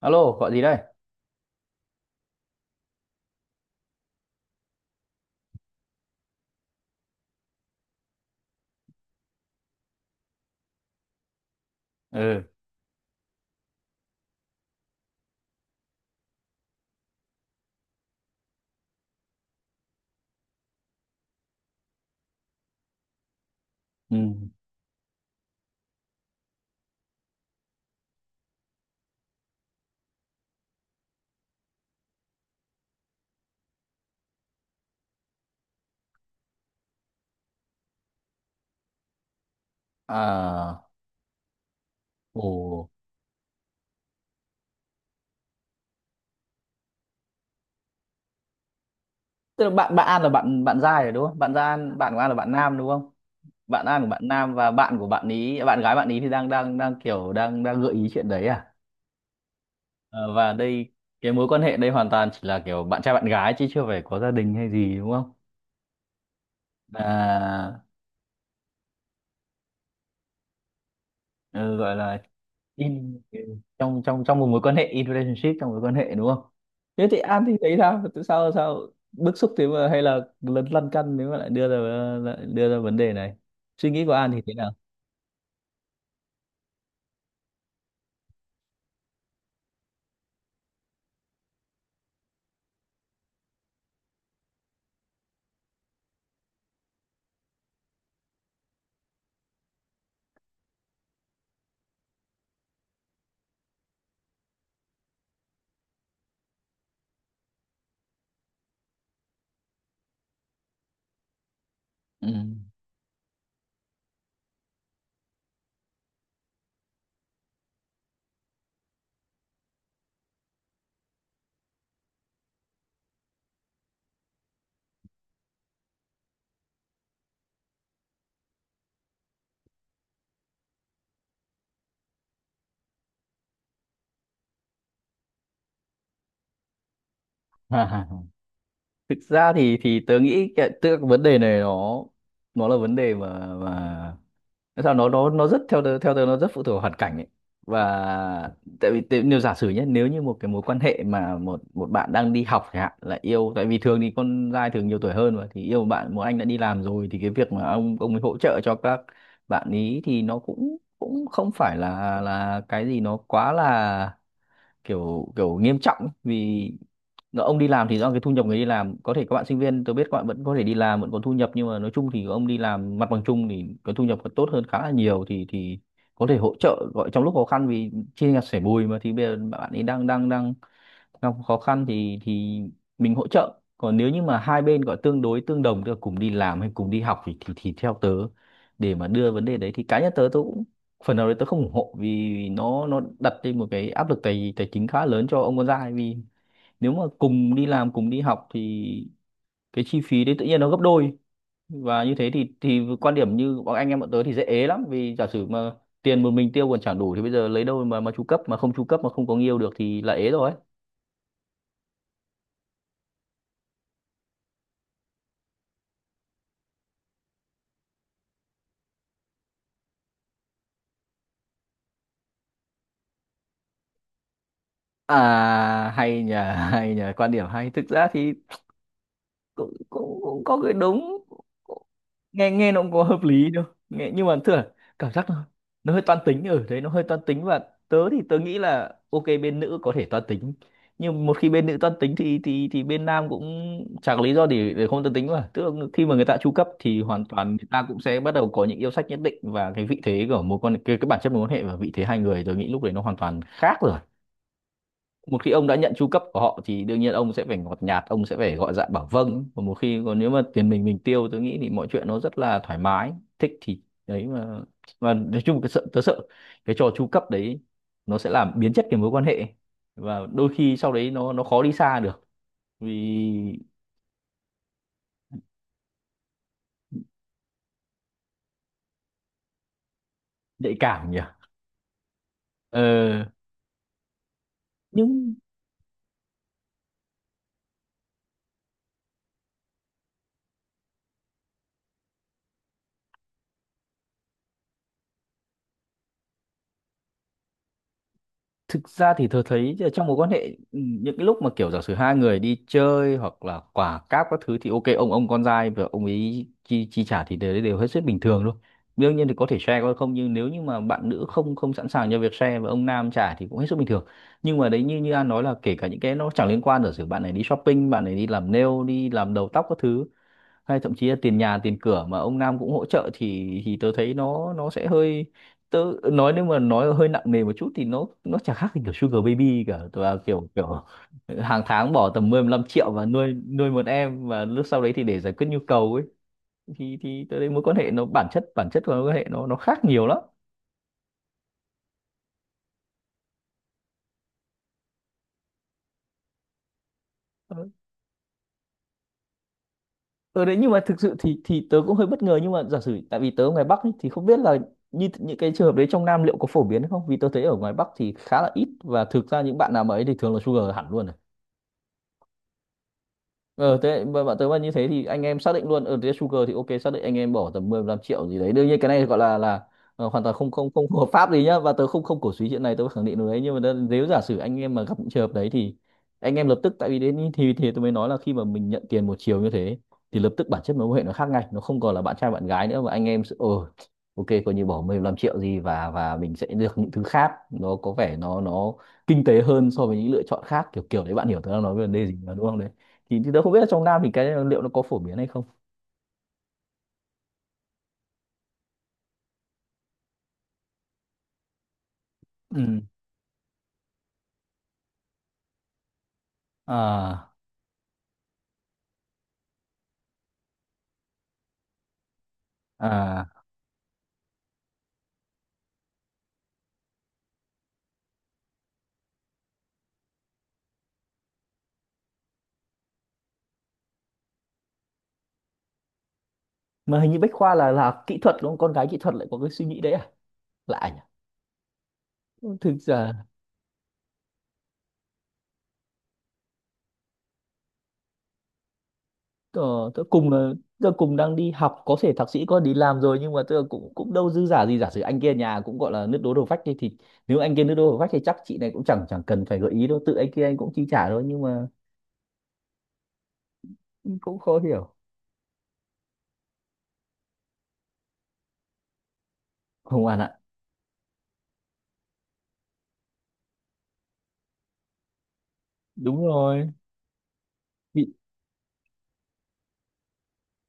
Alo, gọi gì đây? Ừ. Ừ. À, ồ. Tức là bạn bạn An là bạn bạn Giai rồi đúng không? Bạn của An là bạn nam đúng không? Bạn An của bạn nam và bạn của bạn ý, bạn gái bạn ý thì đang đang đang kiểu đang đang gợi ý chuyện đấy à? Ờ, và đây cái mối quan hệ đây hoàn toàn chỉ là kiểu bạn trai bạn gái chứ chưa phải có gia đình hay gì đúng không? À, ừ, gọi là in trong trong trong một mối quan hệ, in relationship, trong mối quan hệ đúng không? Thế thì An thì thấy sao, tại sao sao bức xúc thế, mà hay là lấn lăn căn nếu mà lại đưa ra vấn đề này, suy nghĩ của An thì thế nào? Ừ. Thực ra thì tớ nghĩ cái, tức là cái vấn đề này nó là vấn đề mà. Thế sao nó rất, theo tớ, nó rất phụ thuộc vào hoàn cảnh ấy. Và nếu giả sử nhé, nếu như một cái mối quan hệ mà một một bạn đang đi học chẳng hạn là yêu, tại vì thường thì con trai thường nhiều tuổi hơn mà, thì yêu một bạn, một anh đã đi làm rồi, thì cái việc mà ông ấy hỗ trợ cho các bạn ý thì nó cũng cũng không phải là cái gì nó quá là kiểu kiểu nghiêm trọng, vì ông đi làm thì do cái thu nhập, người đi làm có thể, các bạn sinh viên tôi biết các bạn vẫn có thể đi làm vẫn có thu nhập, nhưng mà nói chung thì ông đi làm, mặt bằng chung thì cái thu nhập còn tốt hơn khá là nhiều, thì có thể hỗ trợ, gọi trong lúc khó khăn vì chia nhà sẻ bùi mà, thì bây giờ bạn ấy đang đang đang gặp khó khăn thì mình hỗ trợ. Còn nếu như mà hai bên gọi tương đối tương đồng, tức là cùng đi làm hay cùng đi học, thì theo tớ, để mà đưa vấn đề đấy thì cá nhân tớ tớ cũng phần nào đấy tớ không ủng hộ, vì nó đặt lên một cái áp lực tài tài chính khá lớn cho ông con trai, vì nếu mà cùng đi làm cùng đi học thì cái chi phí đấy tự nhiên nó gấp đôi. Và như thế thì quan điểm như bọn anh em bọn tớ thì dễ ế lắm, vì giả sử mà tiền một mình tiêu còn chẳng đủ thì bây giờ lấy đâu mà chu cấp, mà không chu cấp mà không có người yêu được thì là ế rồi. À hay nhờ, hay nhờ quan điểm hay, thực ra thì cũng cũng, cũng có cái đúng, nghe nghe nó cũng có hợp lý đâu, nghe nhưng mà thường cảm giác nó hơi toan tính ở đấy, nó hơi toan tính, và tớ thì tớ nghĩ là ok, bên nữ có thể toan tính, nhưng một khi bên nữ toan tính thì bên nam cũng chẳng có lý do để không toan tính mà, tức là khi mà người ta chu cấp thì hoàn toàn người ta cũng sẽ bắt đầu có những yêu sách nhất định, và cái vị thế của mối quan cái bản chất mối quan hệ và vị thế hai người, tớ nghĩ lúc đấy nó hoàn toàn khác rồi. Một khi ông đã nhận tru cấp của họ thì đương nhiên ông sẽ phải ngọt nhạt, ông sẽ phải gọi dạ bảo vâng, và một khi, còn nếu mà tiền mình tiêu tôi nghĩ thì mọi chuyện nó rất là thoải mái, thích thì đấy mà. Mà nói chung cái tớ sợ cái trò tru cấp đấy, nó sẽ làm biến chất cái mối quan hệ, và đôi khi sau đấy nó khó đi xa được, vì nhạy cảm nhỉ. Ờ, nhưng thực ra thì tôi thấy là trong mối quan hệ, ừ, những cái lúc mà kiểu giả sử hai người đi chơi hoặc là quả cáp các thứ thì ok, ông con trai và ông ấy chi chi trả thì đều đều hết sức bình thường thôi, đương nhiên thì có thể share có không, nhưng nếu như mà bạn nữ không không sẵn sàng cho việc share và ông nam trả thì cũng hết sức bình thường. Nhưng mà đấy, như như An nói là kể cả những cái nó chẳng liên quan, giả sử bạn này đi shopping, bạn này đi làm nail, đi làm đầu tóc các thứ, hay thậm chí là tiền nhà tiền cửa mà ông Nam cũng hỗ trợ thì tớ thấy nó sẽ hơi, tớ nói nếu mà nói hơi nặng nề một chút thì nó chả khác gì kiểu Sugar Baby cả, tớ là kiểu kiểu hàng tháng bỏ tầm 10 15 triệu và nuôi nuôi một em, và lúc sau đấy thì để giải quyết nhu cầu ấy, thì tớ thấy mối quan hệ, nó bản chất của mối quan hệ nó khác nhiều lắm ở đấy. Nhưng mà thực sự thì tớ cũng hơi bất ngờ, nhưng mà giả sử, tại vì tớ ở ngoài Bắc ấy, thì không biết là như những cái trường hợp đấy trong Nam liệu có phổ biến hay không, vì tớ thấy ở ngoài Bắc thì khá là ít, và thực ra những bạn nào mà ấy thì thường là sugar hẳn luôn. Ờ, thế mà bạn tớ mà như thế thì anh em xác định luôn ở thế, Sugar thì ok, xác định anh em bỏ tầm 10 15 triệu gì đấy, đương nhiên cái này gọi là, ờ, hoàn toàn không không không hợp pháp gì nhá, và tớ không không cổ suý chuyện này, tớ khẳng định điều đấy, nhưng mà nếu giả sử anh em mà gặp những trường hợp đấy, thì anh em lập tức, tại vì đến thì tôi mới nói là khi mà mình nhận tiền một chiều như thế thì lập tức bản chất mối quan hệ nó khác ngay, nó không còn là bạn trai bạn gái nữa, mà anh em sẽ, ờ, ok, coi như bỏ 15 triệu gì và mình sẽ được những thứ khác, nó có vẻ nó kinh tế hơn so với những lựa chọn khác kiểu kiểu đấy, bạn hiểu tớ đang nói về vấn đề gì mà đúng không? Thì, tớ không biết là trong Nam thì cái liệu nó có phổ biến hay không. Ừ. À. À. Mà hình như Bách Khoa là kỹ thuật đúng không, con gái kỹ thuật lại có cái suy nghĩ đấy à? Lạ nhỉ. Ừ, thực ra tôi tớ cùng là tôi cùng đang đi học có thể thạc sĩ có đi làm rồi, nhưng mà tôi cũng cũng đâu dư giả gì, giả sử anh kia nhà cũng gọi là nước đố đầu vách đi thì, nếu anh kia nước đố đầu vách thì chắc chị này cũng chẳng chẳng cần phải gợi ý đâu, tự anh kia anh cũng chi trả thôi, nhưng mà cũng khó hiểu, không bạn ạ. Đúng rồi. Bị-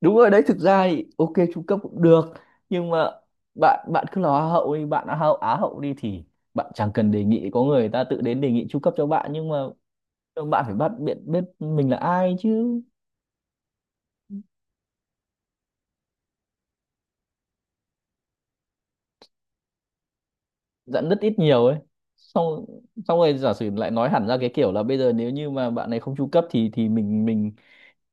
Đúng rồi đấy, thực ra thì ok, trung cấp cũng được, nhưng mà bạn bạn cứ là Hoa hậu đi, bạn là Hoa hậu Á hậu đi thì bạn chẳng cần đề nghị, có người ta tự đến đề nghị trung cấp cho bạn, nhưng mà bạn phải bắt biết biết mình là ai chứ. Dặn rất ít nhiều ấy, xong, xong rồi giả sử lại nói hẳn ra cái kiểu là bây giờ nếu như mà bạn này không trung cấp thì mình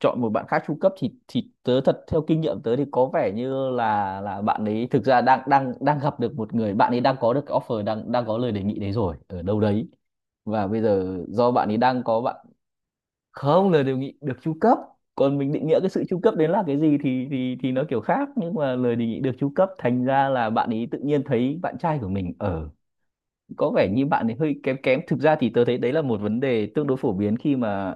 chọn một bạn khác trung cấp, thì tớ thật theo kinh nghiệm tớ thì có vẻ như là bạn ấy thực ra đang đang đang gặp được một người, bạn ấy đang có được cái offer, đang đang có lời đề nghị đấy rồi ở đâu đấy, và bây giờ do bạn ấy đang có bạn, không, lời đề nghị được trung cấp. Còn mình định nghĩa cái sự trung cấp đến là cái gì thì nó kiểu khác, nhưng mà lời đề nghị được trung cấp thành ra là bạn ấy tự nhiên thấy bạn trai của mình ở, có vẻ như bạn ấy hơi kém kém. Thực ra thì tớ thấy đấy là một vấn đề tương đối phổ biến khi mà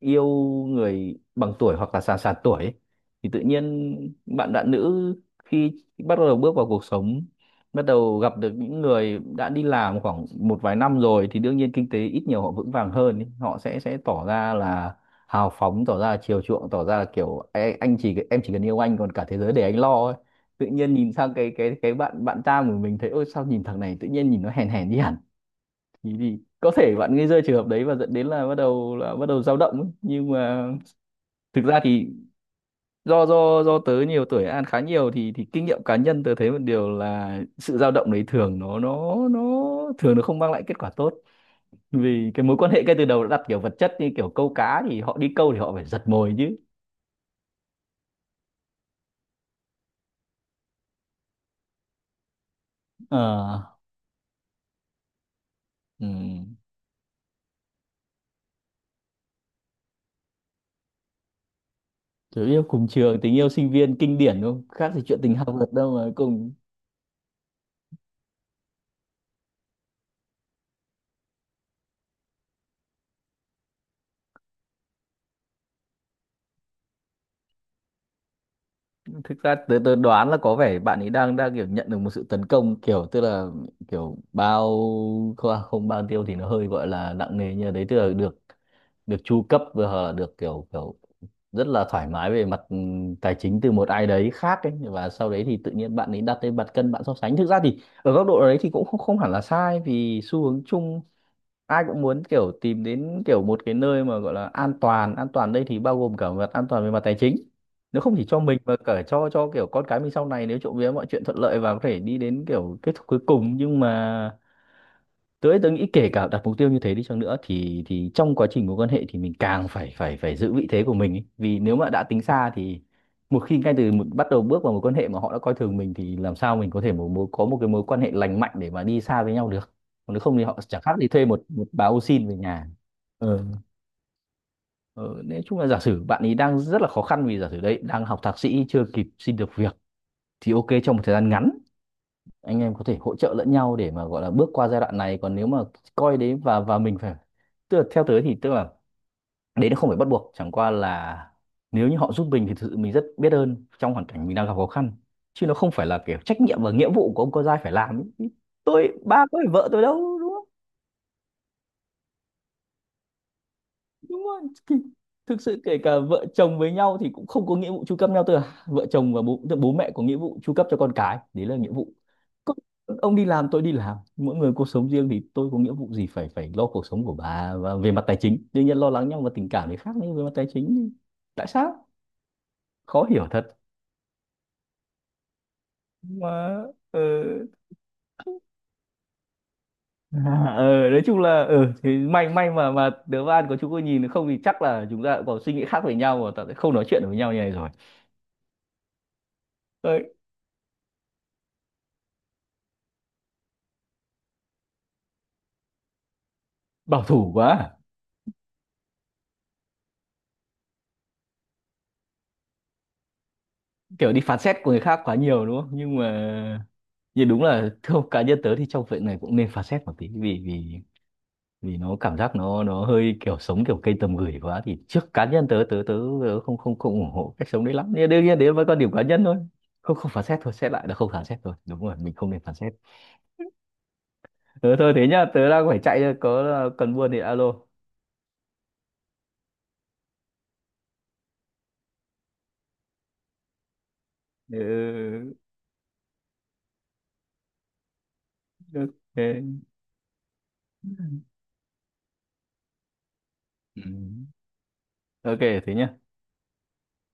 yêu người bằng tuổi hoặc là sàn sàn tuổi ấy. Thì tự nhiên bạn bạn nữ khi bắt đầu bước vào cuộc sống, bắt đầu gặp được những người đã đi làm khoảng một vài năm rồi thì đương nhiên kinh tế ít nhiều họ vững vàng hơn ấy. Họ sẽ tỏ ra là hào phóng, tỏ ra là chiều chuộng, tỏ ra là kiểu "Ê, anh chỉ em chỉ cần yêu anh còn cả thế giới để anh lo ấy". Tự nhiên nhìn sang cái bạn bạn ta của mình thấy ôi sao nhìn thằng này tự nhiên nhìn nó hèn hèn đi hẳn. Thì có thể bạn gây ra trường hợp đấy và dẫn đến là bắt đầu dao động ấy. Nhưng mà thực ra thì do tớ nhiều tuổi ăn khá nhiều thì kinh nghiệm cá nhân tớ thấy một điều là sự dao động đấy thường nó không mang lại kết quả tốt, vì cái mối quan hệ ngay từ đầu đã đặt kiểu vật chất, như kiểu câu cá thì họ đi câu thì họ phải giật mồi chứ. Ờ, ừ. Tớ yêu cùng trường, tình yêu sinh viên kinh điển đúng không, khác gì chuyện tình học thuật đâu mà cùng. Thực ra tớ đoán là có vẻ bạn ấy đang đang kiểu nhận được một sự tấn công, kiểu tức là kiểu bao, không, à, không bao tiêu thì nó hơi gọi là nặng nề như đấy, tức là được được chu cấp và hoặc là được kiểu kiểu rất là thoải mái về mặt tài chính từ một ai đấy khác ấy, và sau đấy thì tự nhiên bạn ấy đặt lên mặt cân bạn so sánh. Thực ra thì ở góc độ đấy thì cũng không hẳn là sai, vì xu hướng chung ai cũng muốn kiểu tìm đến kiểu một cái nơi mà gọi là an toàn, an toàn đây thì bao gồm cả mặt an toàn về mặt tài chính, nếu không chỉ cho mình mà cả cho kiểu con cái mình sau này nếu trộm vía mọi chuyện thuận lợi và có thể đi đến kiểu kết thúc cuối cùng. Nhưng mà tớ nghĩ kể cả đặt mục tiêu như thế đi chăng nữa thì trong quá trình mối quan hệ thì mình càng phải phải phải giữ vị thế của mình ấy. Vì nếu mà đã tính xa thì một khi ngay từ bắt đầu bước vào mối quan hệ mà họ đã coi thường mình thì làm sao mình có thể một, mối có một cái mối quan hệ lành mạnh để mà đi xa với nhau được. Còn nếu không thì họ chẳng khác đi thuê một một bà ô sin về nhà. ờ, ờ, nói chung là giả sử bạn ấy đang rất là khó khăn, vì giả sử đấy đang học thạc sĩ chưa kịp xin được việc thì ok, trong một thời gian ngắn anh em có thể hỗ trợ lẫn nhau để mà gọi là bước qua giai đoạn này. Còn nếu mà coi đấy, và mình phải, tức là theo tới thì tức là đấy nó không phải bắt buộc, chẳng qua là nếu như họ giúp mình thì thực sự mình rất biết ơn trong hoàn cảnh mình đang gặp khó khăn, chứ nó không phải là kiểu trách nhiệm và nghĩa vụ của ông con trai phải làm ấy. Tôi ba có phải vợ tôi đâu đúng không? Đúng không? Thì thực sự kể cả vợ chồng với nhau thì cũng không có nghĩa vụ chu cấp nhau, tức là vợ chồng và bố, tức là bố mẹ có nghĩa vụ chu cấp cho con cái, đấy là nghĩa vụ. Có- ông đi làm tôi đi làm, mỗi người cuộc sống riêng thì tôi có nghĩa vụ gì phải phải lo cuộc sống của bà. Và về mặt tài chính đương nhiên lo lắng nhau và tình cảm thì khác, nhưng về mặt tài chính thì tại sao, khó hiểu thật mà. ờ nói chung là thì may mà đứa bạn của chúng tôi nhìn không thì chắc là chúng ta cũng có suy nghĩ khác với nhau và ta sẽ không nói chuyện được với nhau như này rồi. Đấy, bảo thủ quá à. Kiểu đi phán xét của người khác quá nhiều đúng không, nhưng mà nhưng đúng là theo cá nhân tớ thì trong chuyện này cũng nên phán xét một tí, vì vì vì nó cảm giác nó hơi kiểu sống kiểu cây tầm gửi quá thì trước cá nhân tớ không không không ủng hộ cách sống đấy lắm, nhưng đương nhiên đấy với quan điểm cá nhân thôi. Không không phán xét thôi, xét lại là không phán xét thôi, đúng rồi mình không nên phán xét. Ừ, thôi thế nhá, tớ đang phải chạy rồi, có cần buôn thì alo. Ừ, ok. Ừ. Ok thế nhá.